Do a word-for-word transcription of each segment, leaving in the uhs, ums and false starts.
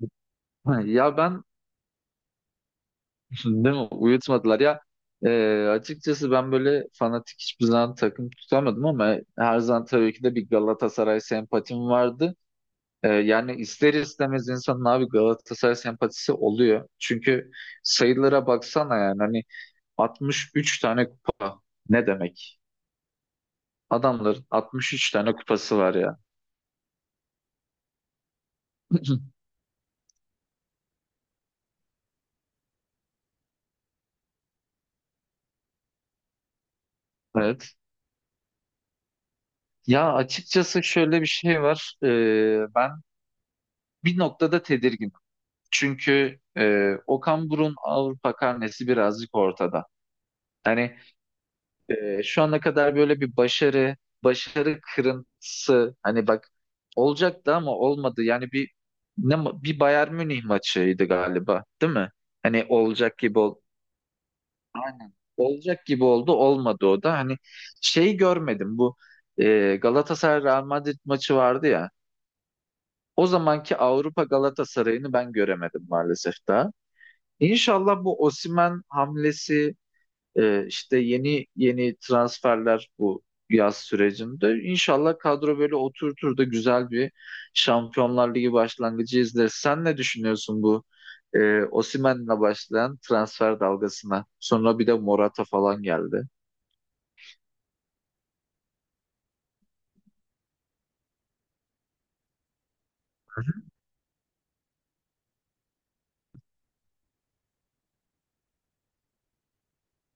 Ha, ya ben değil mi, uyutmadılar ya. Ee, açıkçası ben böyle fanatik hiçbir zaman takım tutamadım ama her zaman tabii ki de bir Galatasaray sempatim vardı. Ee, yani ister istemez insanın abi Galatasaray sempatisi oluyor. Çünkü sayılara baksana, yani hani altmış üç tane kupa ne demek? Adamların altmış üç tane kupası var ya. Evet. Ya açıkçası şöyle bir şey var. Ee, ben bir noktada tedirgin. Çünkü e, Okan Buruk'un Avrupa karnesi birazcık ortada. Hani, e, şu ana kadar böyle bir başarı, başarı kırıntısı, hani bak, olacaktı ama olmadı. Yani bir ne ma- bir Bayern Münih maçıydı galiba, değil mi? Hani olacak gibi ol. Aynen. Olacak gibi oldu, olmadı o da. Hani şey görmedim bu, e, Galatasaray Real Madrid maçı vardı ya. O zamanki Avrupa Galatasaray'ını ben göremedim maalesef daha. İnşallah bu Osimhen hamlesi, e, işte yeni yeni transferler bu yaz sürecinde, İnşallah kadro böyle oturtur da güzel bir Şampiyonlar Ligi başlangıcı izleriz. Sen ne düşünüyorsun bu, e, Osimhen'le başlayan transfer dalgasına? Sonra bir de Morata falan geldi.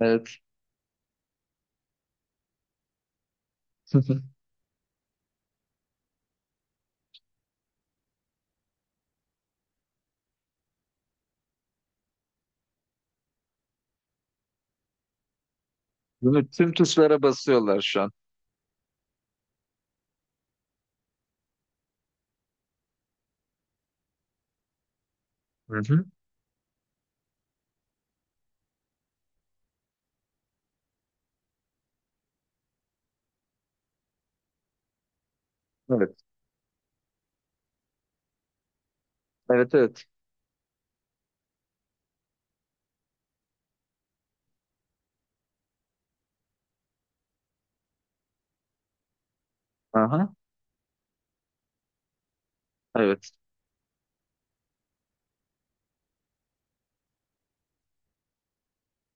Evet. Bunu tüm tuşlara basıyorlar şu an. Hı hı. Evet. Evet, evet. Aha. Evet.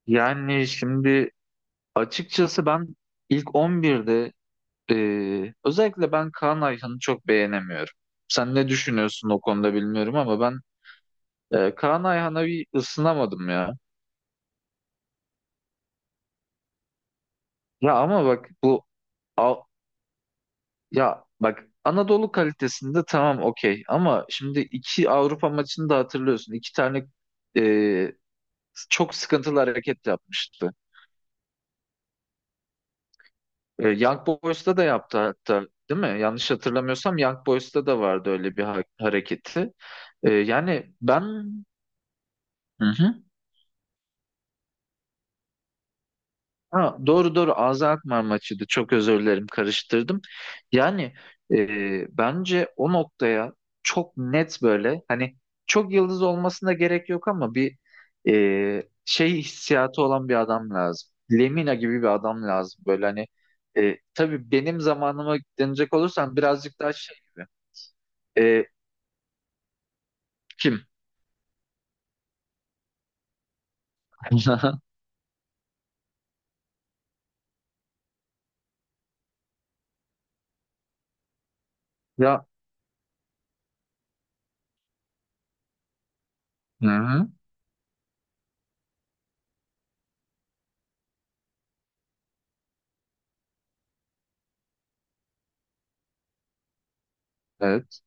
Yani şimdi, açıkçası ben ilk on birde, e, özellikle ben Kaan Ayhan'ı çok beğenemiyorum. Sen ne düşünüyorsun o konuda bilmiyorum ama ben, e, Kaan Ayhan'a bir ısınamadım ya. Ya ama bak, bu Av- ya bak, Anadolu kalitesinde, tamam, okey, ama şimdi iki Avrupa maçını da hatırlıyorsun. İki tane çok sıkıntılı hareket yapmıştı. E, Young Boys'ta da yaptı hatta, değil mi? Yanlış hatırlamıyorsam Young Boys'ta da vardı öyle bir ha- hareketi. E, yani ben Hı hı. Ha, doğru doğru, Ağza Alkmaar maçıydı. Çok özür dilerim, karıştırdım. Yani, e, bence o noktaya çok net, böyle hani, çok yıldız olmasına gerek yok ama bir, e, şey hissiyatı olan bir adam lazım. Lemina gibi bir adam lazım. Böyle, hani, e, tabii benim zamanıma denecek olursam birazcık daha şey gibi. E, kim? Ya, hı hı, evet.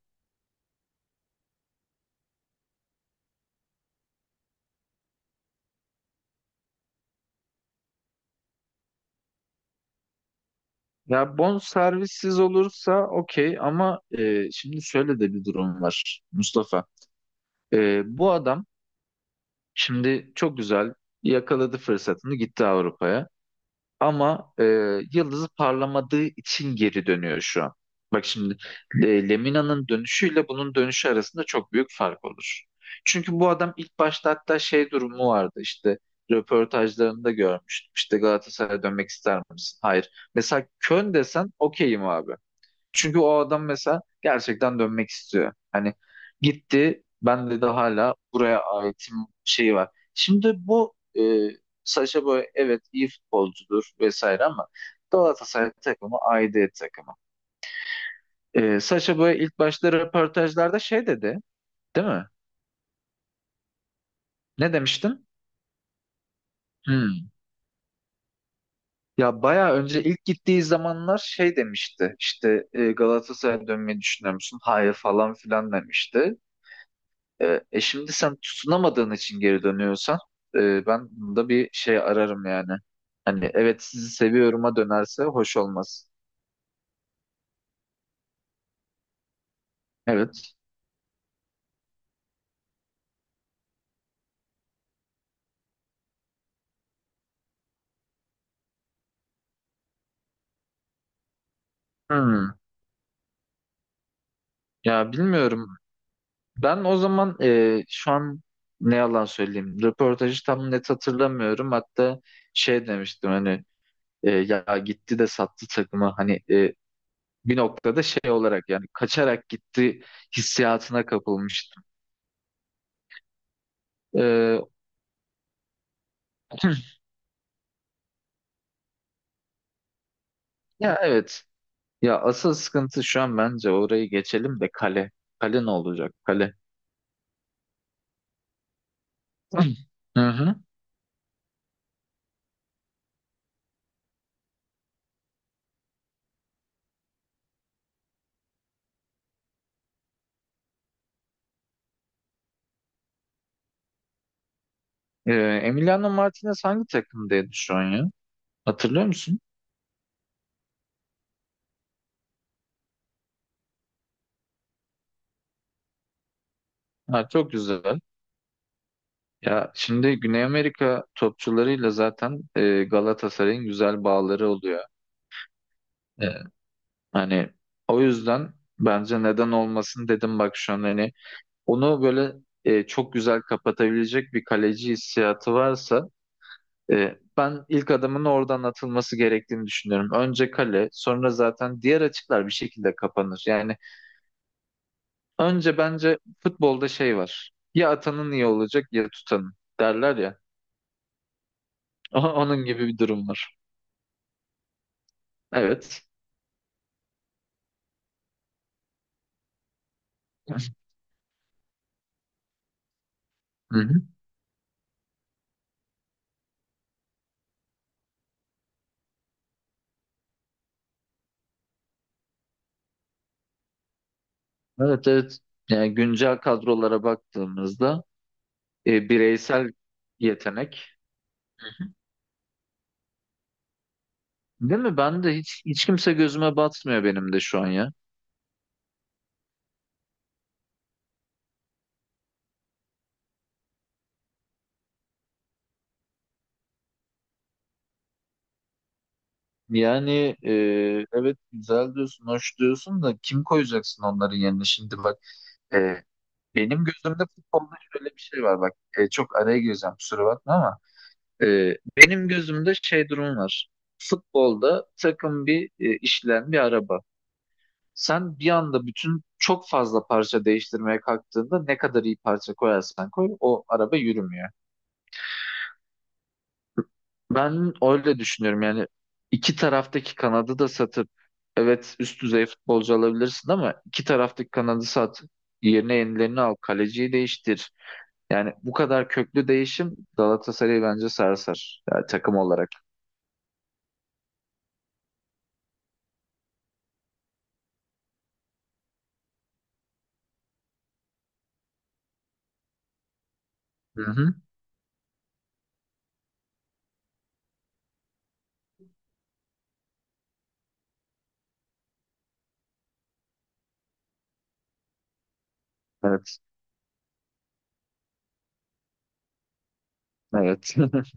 Ya bon servissiz olursa okey ama, e, şimdi şöyle de bir durum var Mustafa. E, bu adam şimdi çok güzel yakaladı fırsatını, gitti Avrupa'ya ama, e, yıldızı parlamadığı için geri dönüyor şu an. Bak şimdi, e, Lemina'nın dönüşüyle bunun dönüşü arasında çok büyük fark olur. Çünkü bu adam ilk başta hatta şey durumu vardı, işte röportajlarında görmüştüm. İşte, "Galatasaray'a dönmek ister misin?" "Hayır." Mesela Köln desen okeyim abi. Çünkü o adam mesela gerçekten dönmek istiyor. Hani gitti, "ben de hala buraya aitim" şeyi var. Şimdi bu, e, Sacha Boey, evet, iyi futbolcudur vesaire ama Galatasaray takımı aidiyet takımı. E, Sacha Boey ilk başta röportajlarda şey dedi, değil mi? Ne demiştin? Hmm. Ya bayağı önce, ilk gittiği zamanlar şey demişti. İşte, e, "Galatasaray'a dönmeyi düşünüyor musun?" "Hayır" falan filan demişti. E, e şimdi sen tutunamadığın için geri dönüyorsan, e, ben bunda bir şey ararım yani. Hani evet, "sizi seviyorum"a dönerse hoş olmaz. Evet. Hmm. Ya bilmiyorum. Ben o zaman, e, şu an ne yalan söyleyeyim, röportajı tam net hatırlamıyorum. Hatta şey demiştim, hani, e, ya gitti de sattı takımı. Hani, e, bir noktada şey olarak, yani kaçarak gitti hissiyatına kapılmıştım. E, ya evet. Ya asıl sıkıntı şu an bence, orayı geçelim de, kale. Kale ne olacak? Kale. Hı hı. Ee, Emiliano Martinez hangi takımdaydı şu an ya? Hatırlıyor musun? Ha, çok güzel. Ya şimdi Güney Amerika topçularıyla zaten, e, Galatasaray'ın güzel bağları oluyor. E, Hani o yüzden bence, neden olmasın, dedim bak şu an hani, onu böyle, e, çok güzel kapatabilecek bir kaleci hissiyatı varsa, Ee, ben ilk adımın oradan atılması gerektiğini düşünüyorum. Önce kale, sonra zaten diğer açıklar bir şekilde kapanır. Yani önce bence futbolda şey var. "Ya atanın iyi olacak, ya tutanın" derler ya. O- Onun gibi bir durum var. Evet. Hı hı. Evet, evet. Yani güncel kadrolara baktığımızda, e, bireysel yetenek. Değil mi? Ben de hiç, hiç kimse gözüme batmıyor, benim de şu an ya. Yani, e, evet güzel diyorsun, hoş diyorsun da kim koyacaksın onların yerine? Şimdi bak, e, benim gözümde futbolda şöyle bir şey var bak, e, çok araya gireceğim, kusura bakma ama, e, benim gözümde şey durum var. Futbolda takım bir, e, işleyen bir araba. Sen bir anda bütün, çok fazla parça değiştirmeye kalktığında, ne kadar iyi parça koyarsan koy, o araba yürümüyor. Ben öyle düşünüyorum, yani iki taraftaki kanadı da satıp, evet, üst düzey futbolcu alabilirsin ama, iki taraftaki kanadı sat, yerine yenilerini al, kaleciyi değiştir. Yani bu kadar köklü değişim Galatasaray'ı bence sarsar, yani takım olarak. Hı hı. Evet. Evet.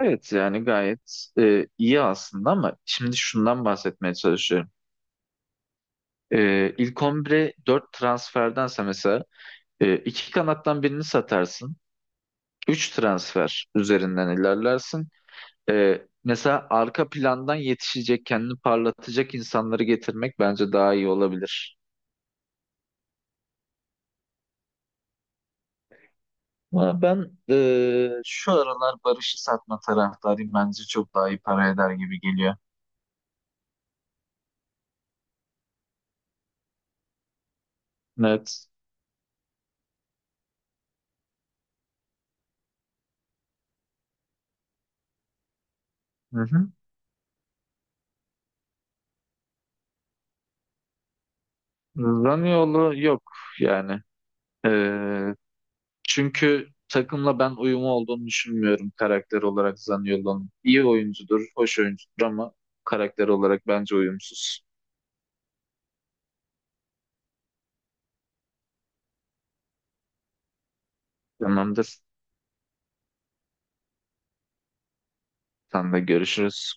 Evet yani gayet, e, iyi aslında ama şimdi şundan bahsetmeye çalışıyorum. E, ilk on bire dört transferdense, mesela, e, iki kanattan birini satarsın. Üç transfer üzerinden ilerlersin. Ee, mesela arka plandan yetişecek, kendini parlatacak insanları getirmek bence daha iyi olabilir. Ama ben, ee, şu aralar Barış'ı satma taraftarıyım. Bence çok daha iyi para eder gibi geliyor. Evet. Hı hı. Zaniolo yok yani. Ee, Çünkü takımla ben uyumu olduğunu düşünmüyorum, karakter olarak, Zaniolo'nun. İyi oyuncudur, hoş oyuncudur ama karakter olarak bence uyumsuz. Tamamdır. Sen de görüşürüz.